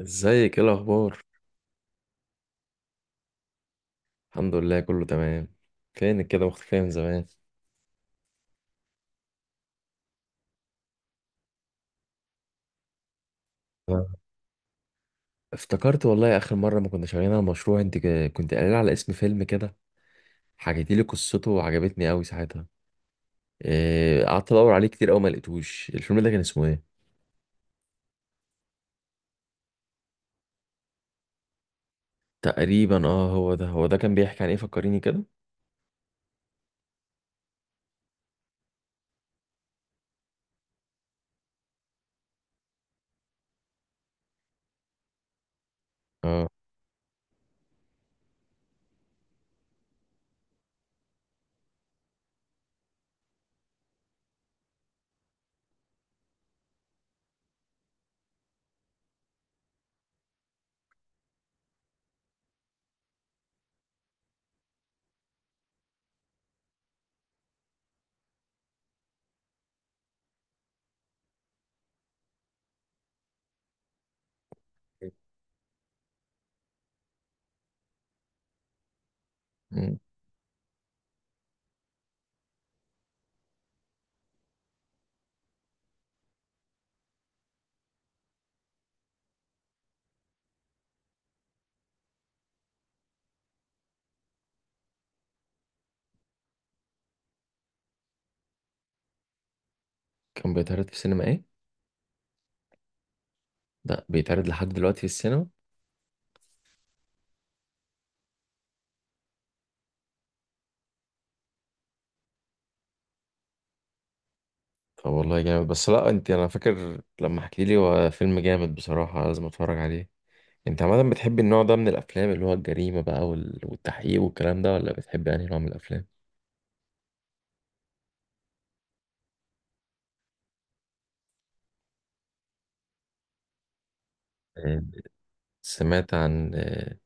ازيك؟ ايه الاخبار؟ الحمد لله كله تمام. فينك كده مختفيه من زمان؟ آه. افتكرت والله اخر مره ما كنا شغالين على مشروع انت كنت قايل على اسم فيلم كده، حكيتي لي قصته وعجبتني قوي ساعتها. قعدت ادور عليه كتير قوي، ما لقيتهوش. الفيلم ده كان اسمه ايه؟ تقريبا اه، هو ده هو ده. كان بيحكي عن ايه؟ فكريني كده. اه. مم. كان بيتعرض في السينما ايه؟ لا، بيتعرض لحد دلوقتي في السينما؟ طب والله جامد. بس لا، انت انا فاكر لما حكيتي لي هو فيلم جامد بصراحه، لازم اتفرج عليه. انت عامة بتحب النوع ده من الافلام، اللي هو الجريمة بقى والتحقيق والكلام ده، ولا بتحب يعني نوع من الافلام؟ آه، سمعت عن آه،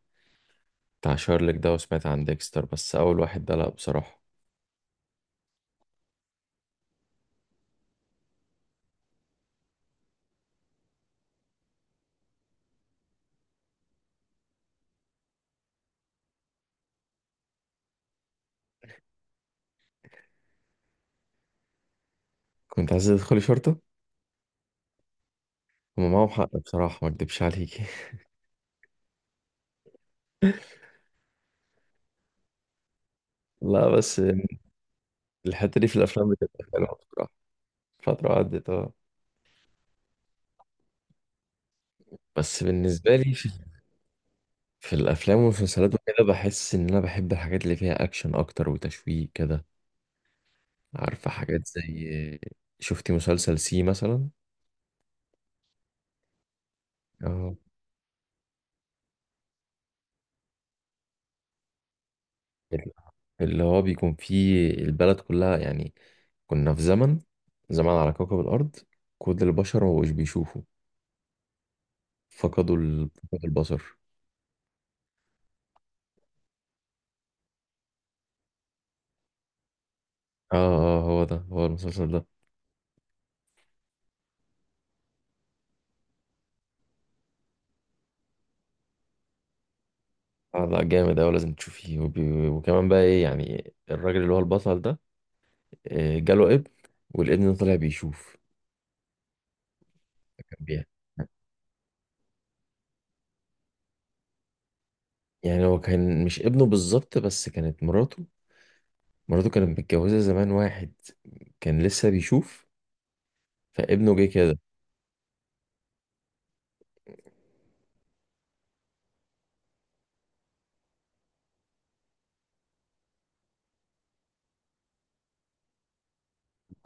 بتاع شارلوك ده، وسمعت عن ديكستر، بس اول واحد ده لا بصراحة. كنت عايز تدخلي شرطة؟ هما معاهم حق بصراحة، ما اكدبش عليكي. لا بس الحتة دي في الافلام بتبقى حلوة بصراحة. فترة عدت اه. بس بالنسبة لي في، في الافلام والمسلسلات وكده بحس ان انا بحب الحاجات اللي فيها اكشن اكتر وتشويق كده. عارفة حاجات زي، شفتي مسلسل سي مثلا؟ ال- اللي هو بيكون فيه البلد كلها يعني، كنا في زمن، زمان على كوكب الأرض كل البشر ما بقوش بيشوفوا، فقدوا البصر. اه اه هو ده، هو المسلسل ده. آه لا، جامد أوي، لازم تشوفيه. وكمان بقى ايه، يعني الراجل اللي هو البطل ده آه، جاله ابن، والابن ده طلع بيشوف. كان بيع- يعني هو كان مش ابنه بالظبط، بس كانت مراته، مراته كانت متجوزة زمان واحد كان لسه بيشوف، فابنه جه كده.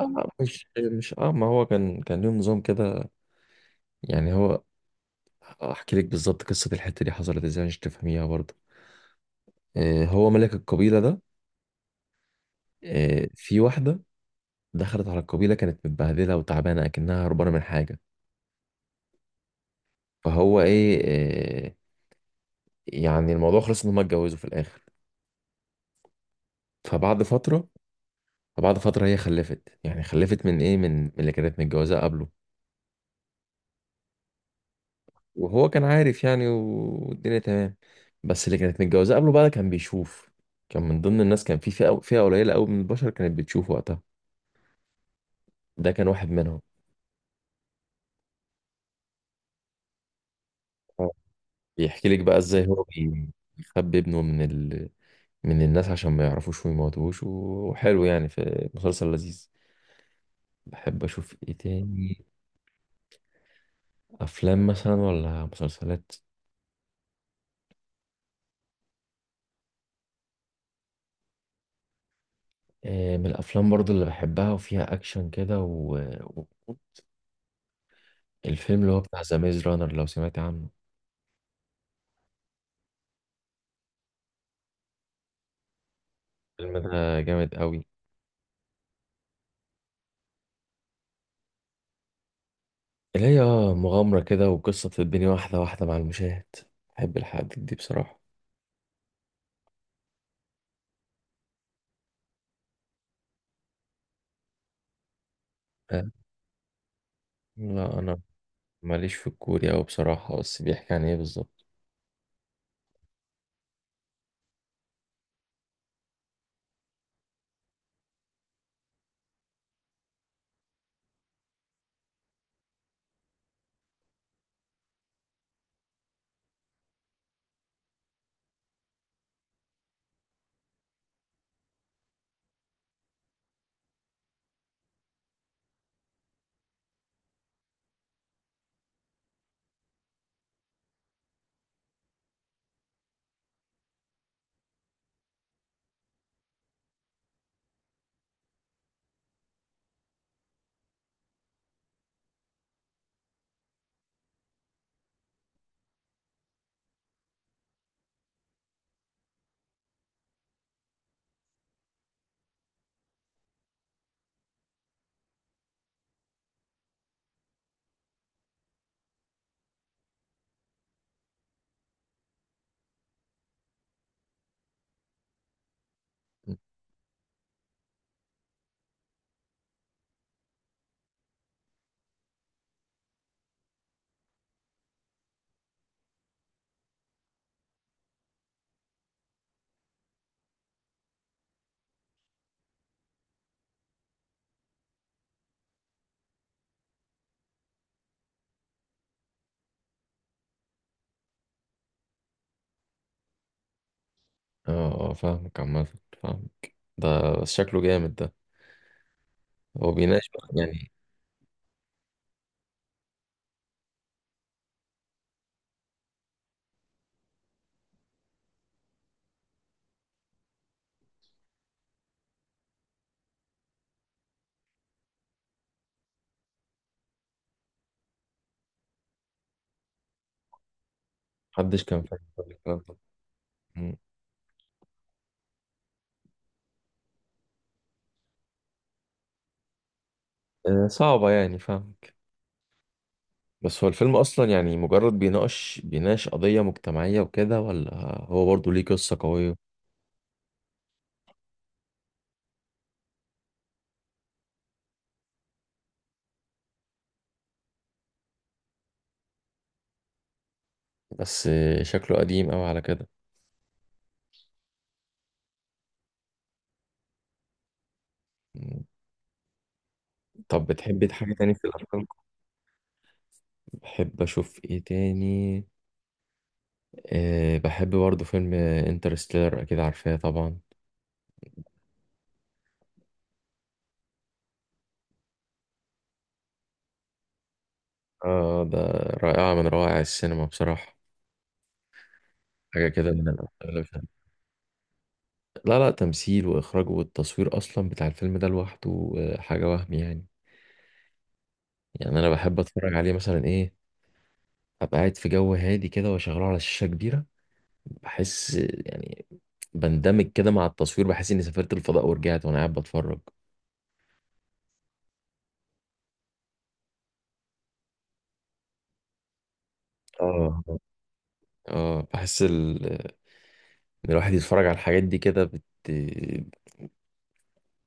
آه، مش مش اه ما هو كان ليهم نظام كده. يعني هو، احكي لك بالظبط قصة الحتة دي حصلت ازاي عشان تفهميها برضه. آه، هو ملك القبيلة ده، آه في واحدة دخلت على القبيلة كانت متبهدلة وتعبانة اكنها هربانة من حاجة. فهو ايه، آه، يعني الموضوع خلص ان هم اتجوزوا في الاخر. فبعد فترة فبعد فترة هي خلفت، يعني خلفت من ايه، من اللي كانت متجوزاه قبله. وهو كان عارف يعني والدنيا تمام. بس اللي كانت متجوزة قبله بقى كان بيشوف، كان من ضمن الناس، كان في فئة قليلة قوي من البشر كانت بتشوف وقتها، ده كان واحد منهم. اه، بيحكي لك بقى ازاي بيخبي ابنه من الناس عشان ما يعرفوش ويموتوهوش، وحلو يعني، في مسلسل لذيذ. بحب اشوف ايه تاني، افلام مثلا ولا مسلسلات؟ آه، من الافلام برضو اللي بحبها وفيها اكشن كده و- الفيلم اللي هو بتاع ذا ميز رانر، لو سمعت عنه. فيلم ده جامد قوي، اللي هي اه مغامرة كده، وقصة الدنيا واحدة واحدة مع المشاهد. بحب الحاجات دي بصراحة. آه، لا أنا ماليش في الكوري أوي بصراحة، بس بيحكي عن إيه بالظبط؟ اه اه، فاهمك عامة، فاهمك ده. بس شكله جامد ده. هو بيناقش بقى، يعني محدش كان فاهم قبل الكلام ده؟ مم. آه، صعبة يعني، فاهمك. بس هو الفيلم أصلا يعني مجرد بيناقش، قضية مجتمعية وكده، ولا هو برضه ليه قصة قوية؟ بس آه، شكله قديم أوي على كده. طب بتحبي حاجة تاني في الأفلام؟ بحب أشوف إيه تاني، أه بحب برضه فيلم انترستيلر، أكيد عارفاه طبعا. آه ده رائعة من روائع السينما بصراحة، حاجة كده من الأفلام اللي بحبها. لا لا، تمثيل وإخراج والتصوير أصلا بتاع الفيلم ده لوحده آه، حاجة وهم يعني. يعني أنا بحب أتفرج عليه مثلا إيه، أبقى قاعد في جو هادي كده وأشغله على شاشة كبيرة، بحس آه، يعني بندمج كده مع التصوير، بحس إني سافرت الفضاء ورجعت وأنا قاعد بتفرج. اه اه، بحس ان الواحد يتفرج على الحاجات دي كده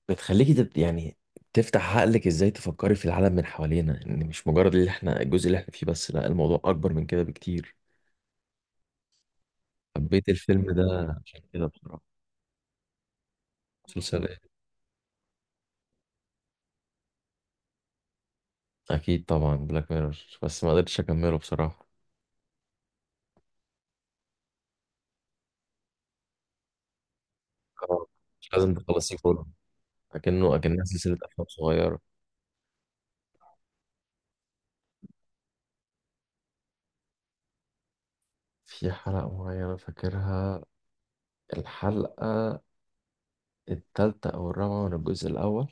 بتخليكي يعني تفتح عقلك، ازاي تفكري في العالم من حوالينا، ان مش مجرد اللي احنا الجزء اللي احنا فيه بس، لا، الموضوع اكبر من كده بكتير. حبيت الفيلم ده عشان كده بصراحة. مسلسل إيه؟ اكيد طبعا بلاك ميرور، بس ما قدرتش اكمله بصراحة. آه، مش لازم تخلصيه كله، لكنه اكنها سلسلة افلام صغيرة. في حلقة معينة فاكرها، الحلقة التالتة أو الرابعة من الجزء الأول.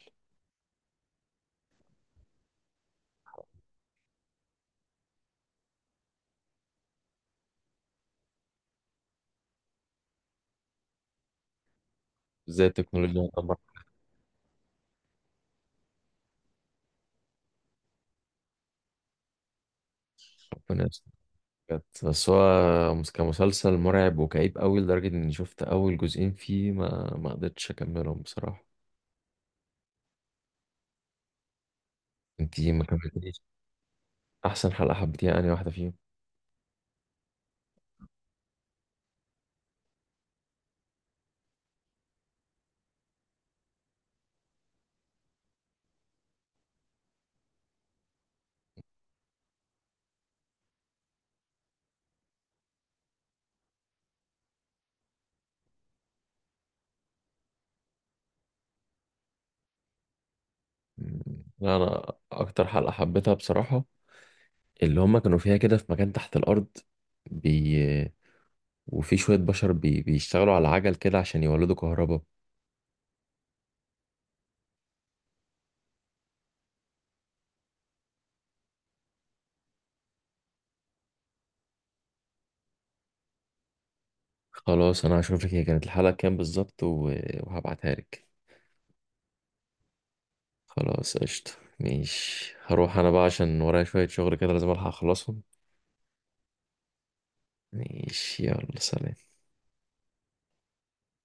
ازاي التكنولوجيا هتدمر، ربنا. كانت بس هو كمسلسل مرعب وكئيب قوي، لدرجة اني شفت اول جزئين فيه، ما قدرتش اكملهم بصراحة. انتي ما كملتيش؟ احسن حلقة حبيتيها انهي واحدة فيهم؟ مم. لا انا اكتر حلقة حبيتها بصراحة اللي هما كانوا فيها كده في مكان تحت الارض بي... وفي شوية بشر بيشتغلوا على عجل كده عشان يولدوا كهرباء. خلاص انا هشوف لك هي كانت الحلقة كام بالظبط و... وهبعتها لك. خلاص قشطة. ماشي، هروح انا بقى عشان ورايا شوية شغل كده، لازم الحق اخلصهم. ماشي، يلا سلام.